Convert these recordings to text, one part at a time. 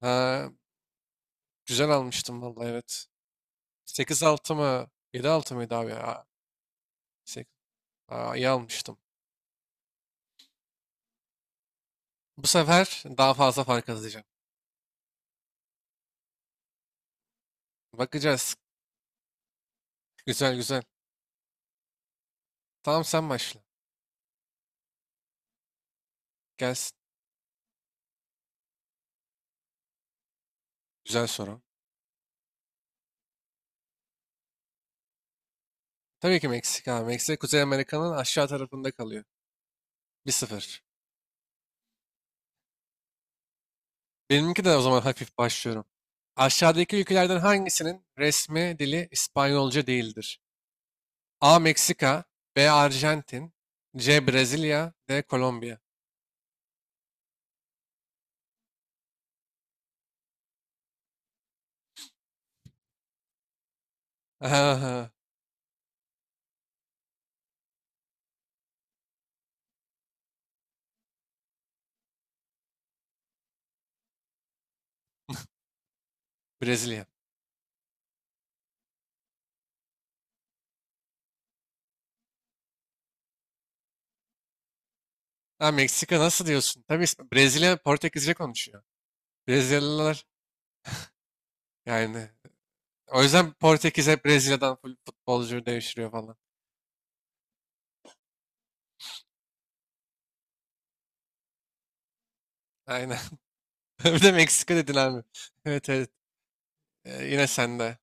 Ha, güzel almıştım vallahi, evet. 8-6 mı, 7-6 mıydı abi ya? 8. Aa, iyi almıştım. Bu sefer daha fazla fark atacağım. Bakacağız. Güzel güzel. Tamam, sen başla. Gelsin. Güzel soru. Tabii ki Meksika, abi. Meksika Kuzey Amerika'nın aşağı tarafında kalıyor. 1-0. Benimki de o zaman hafif başlıyorum. Aşağıdaki ülkelerden hangisinin resmi dili İspanyolca değildir? A. Meksika, B. Arjantin, C. Brezilya, D. Kolombiya. Brezilya. Ha, Meksika nasıl diyorsun? Tabii, Brezilya Portekizce konuşuyor. Brezilyalılar yani. O yüzden Portekiz hep Brezilya'dan full futbolcu devşiriyor falan. Aynen. Bir de Meksika dedin abi. Evet, evet. Yine sende.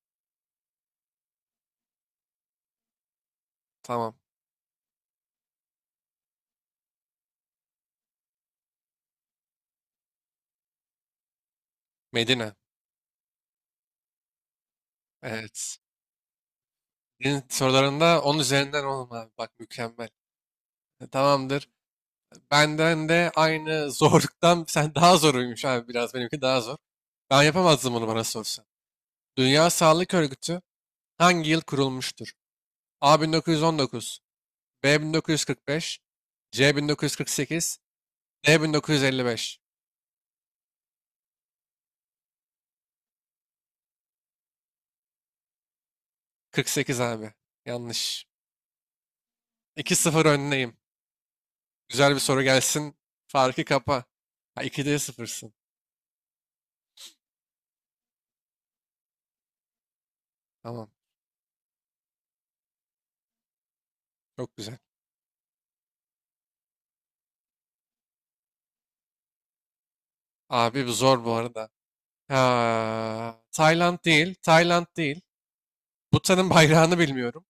Tamam. Medine. Evet. Senin sorularında 10 üzerinden, oğlum abi. Bak, mükemmel. Tamamdır. Benden de aynı zorluktan sen daha zoruymuş abi, biraz. Benimki daha zor. Ben yapamazdım bunu, bana sorsan. Dünya Sağlık Örgütü hangi yıl kurulmuştur? A 1919, B 1945, C 1948, D 1955. 48 abi. Yanlış. 2-0 önleyim. Güzel bir soru gelsin. Farkı kapa. Ha, 2'de 0'sın. Tamam. Çok güzel. Abi bu zor bu arada. Ha, Tayland değil. Tayland değil. Bhutan'ın bayrağını bilmiyorum.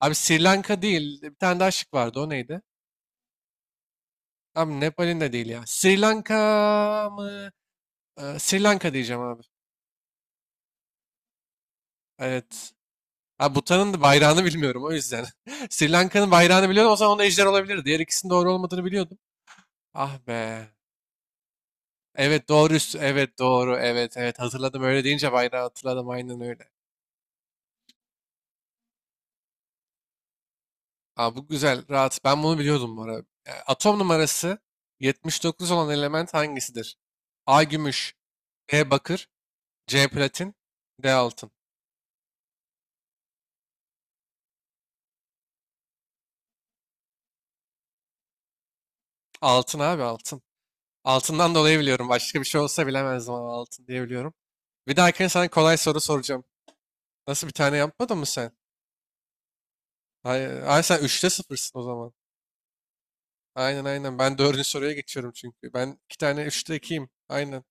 Abi, Sri Lanka değil. Bir tane daha şık vardı. O neydi? Abi Nepal'in de değil ya. Sri Lanka mı? Sri Lanka diyeceğim abi. Evet. Ha, Bhutan'ın da bayrağını bilmiyorum o yüzden. Sri Lanka'nın bayrağını biliyordum, o zaman onda ejder olabilir. Diğer ikisinin doğru olmadığını biliyordum. Ah be. Evet, doğru. Evet, doğru. Evet, evet, hatırladım, öyle deyince bayrağı hatırladım, aynen öyle. Aa, bu güzel, rahat. Ben bunu biliyordum bu arada. Atom numarası 79 olan element hangisidir? A gümüş, B bakır, C platin, D altın. Altın abi, altın. Altından dolayı biliyorum. Başka bir şey olsa bilemezdim ama altın diye biliyorum. Bir dahakine sana kolay soru soracağım. Nasıl, bir tane yapmadın mı sen? Ay, ay, sen üçte sıfırsın o zaman. Aynen, aynen. Ben dördüncü soruya geçiyorum çünkü. Ben 2 tane 3'te 2'yim. Aynen.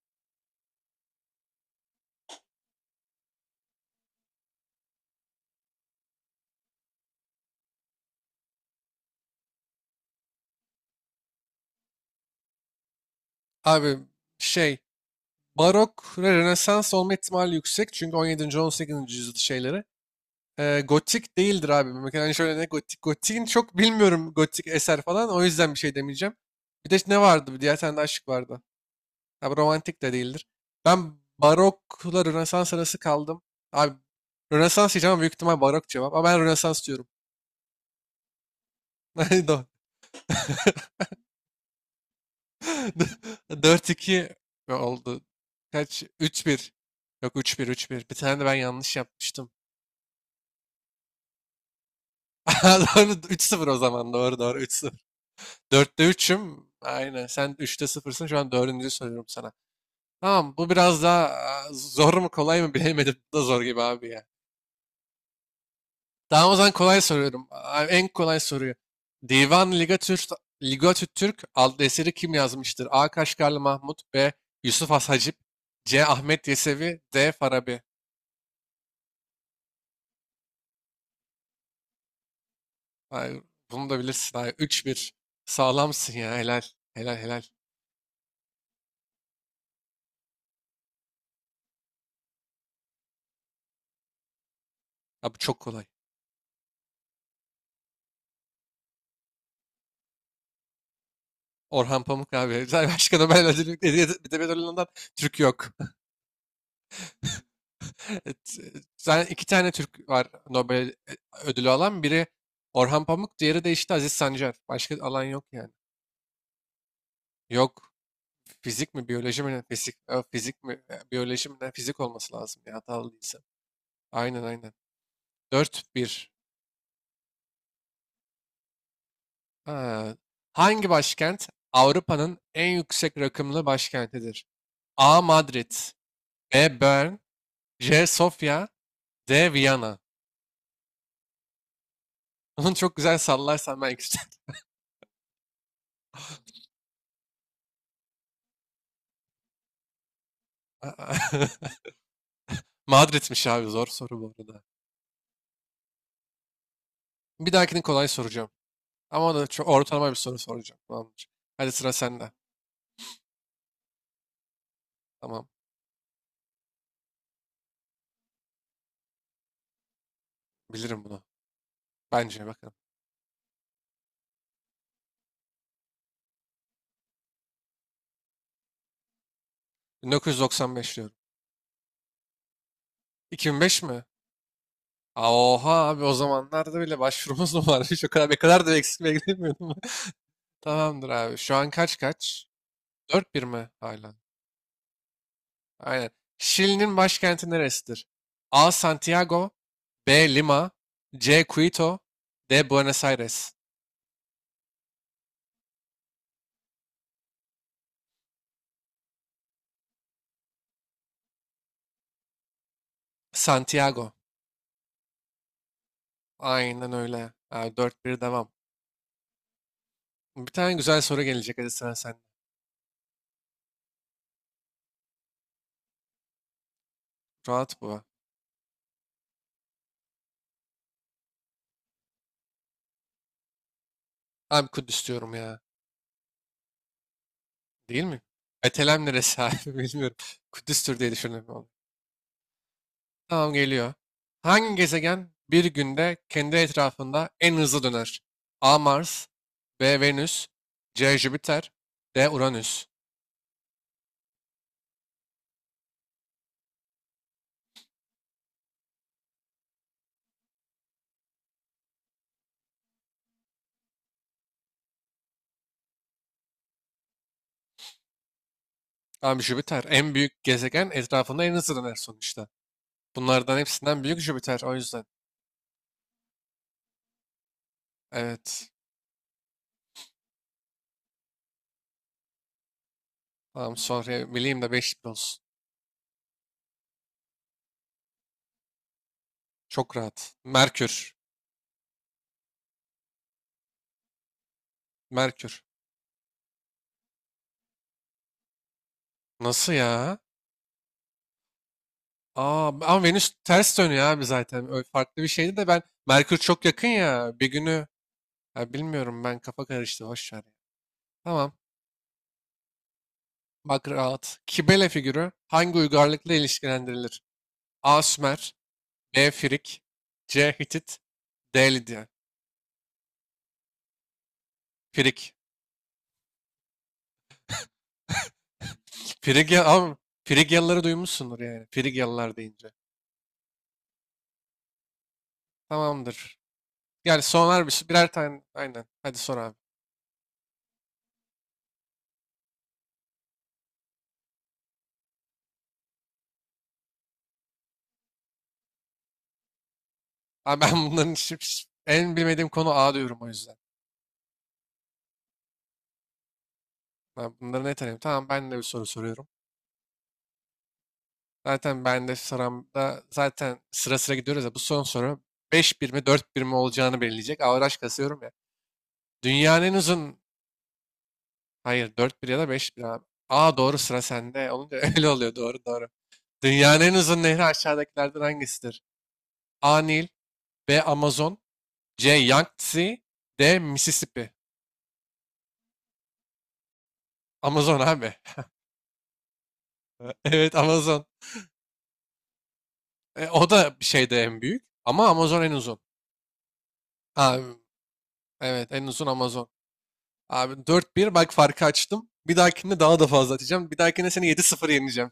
Abi şey, barok ve rönesans olma ihtimali yüksek. Çünkü 17. 18. yüzyıl şeyleri. Gotik değildir abi. Mesela şöyle, ne gotik? Gotik'in çok bilmiyorum, gotik eser falan. O yüzden bir şey demeyeceğim. Bir de ne vardı? Bir diğer tane de aşık vardı. Abi romantik de değildir. Ben barokla rönesans arası kaldım. Abi, rönesans diyeceğim ama büyük ihtimal barok cevap. Ama ben rönesans diyorum. Doğru. 4-2 oldu. Kaç? 3-1. Yok, 3-1, 3-1. Bir tane de ben yanlış yapmıştım. Doğru, 3-0 o zaman. Doğru, doğru, 3-0. 4'te 3'üm. Aynen. Sen üçte 0'sın. Şu an dördüncü soruyorum sana. Tamam, bu biraz daha zor mu kolay mı bilemedim. Bu da zor gibi abi ya. Tamam o zaman kolay soruyorum. En kolay soruyu. Divan Ligatür Ligatü Türk adlı eseri kim yazmıştır? A. Kaşgarlı Mahmut, B. Yusuf Has Hacip, C. Ahmet Yesevi, D. Farabi. Hayır, bunu da bilirsin. Hayır, 3-1. Sağlamsın ya. Helal. Helal, helal. Abi çok kolay. Orhan Pamuk abi. Zaten başka Nobel ödülü, Edebiyat Ödülü'nden Türk yok. Et- Zaten iki tane Türk var Nobel ödülü alan. Biri Orhan Pamuk, diğeri de işte Aziz Sancar. Başka alan yok yani. Yok. Fizik mi, biyoloji mi, ne? Fizik, fizik mi, biyoloji mi, ne? Fizik olması lazım ya. Hatalı değilsem. Aynen, aynen. 4-1. Ha, hangi başkent Avrupa'nın en yüksek rakımlı başkentidir? A. Madrid, B. Bern, C. Sofya, D. Viyana. Bunu çok güzel sallarsan belki. Madrid'miş abi, zor soru bu arada. Bir dahakini kolay soracağım. Ama da çok ortalama bir soru soracağım. Tamamdır. Hadi, sıra sende. Tamam. Bilirim bunu. Bence bakalım. 1995 diyorum. 2005 mi? Aa, oha abi, o zamanlarda bile başvurumuz mu varmış? O kadar, ne kadar da eksikliğe gidemiyordum. Tamamdır abi. Şu an kaç kaç? Dört bir mi hala? Aynen. Şili'nin başkenti neresidir? A. Santiago, B. Lima, C. Quito, D. Buenos Aires. Santiago. Aynen öyle. Abi 4-1, devam. Bir tane güzel soru gelecek. Hadi sıra sen. Rahat bu. Abi Kudüs diyorum ya. Değil mi? Betlem neresi abi? Bilmiyorum. Kudüs'tür diye düşünüyorum. Tamam, geliyor. Hangi gezegen bir günde kendi etrafında en hızlı döner? A. Mars, B. Venüs, C. Jüpiter, D. Uranüs. Tamam, Jüpiter. En büyük gezegen etrafında en hızlı döner sonuçta. Bunlardan hepsinden büyük Jüpiter, o yüzden. Evet. Tamam, sonra bileyim de beş olsun. Çok rahat. Merkür. Merkür. Nasıl ya? Aa, ama Venüs ters dönüyor abi zaten. Öyle farklı bir şeydi de, ben Merkür çok yakın ya. Bir günü, ya bilmiyorum ben, kafa karıştı. Hoş ver. Tamam. Bak, rahat. Kibele figürü hangi uygarlıkla ilişkilendirilir? A. Sümer, B. Frig, C. Hitit, D. Lidya. Frig. Frigya ama, Frigyalıları duymuşsundur yani. Frigyalılar deyince. Tamamdır. Yani soner birer tane. Aynen. Hadi sor abi. Abi, ben bunların en bilmediğim konu, A diyorum o yüzden. Ben bunları ne tanıyorum? Tamam, ben de bir soru soruyorum. Zaten ben de sıramda, zaten sıra sıra gidiyoruz ya. Bu son soru 5-1 mi 4 bir mi olacağını belirleyecek. Averaj kasıyorum ya. Dünyanın en uzun... Hayır, 4-1 ya da 5-1 abi. Aa, doğru, sıra sende. Olunca öyle oluyor, doğru, doğru. Dünyanın en uzun nehri aşağıdakilerden hangisidir? A. Nil, B. Amazon, C. Yangtze, D. Mississippi. Amazon abi. Evet, Amazon. O da bir şeyde en büyük. Ama Amazon en uzun. Abi, evet, en uzun Amazon. Abi 4-1, bak farkı açtım. Bir dahakinde daha da fazla atacağım. Bir dahakinde seni 7-0 yeneceğim.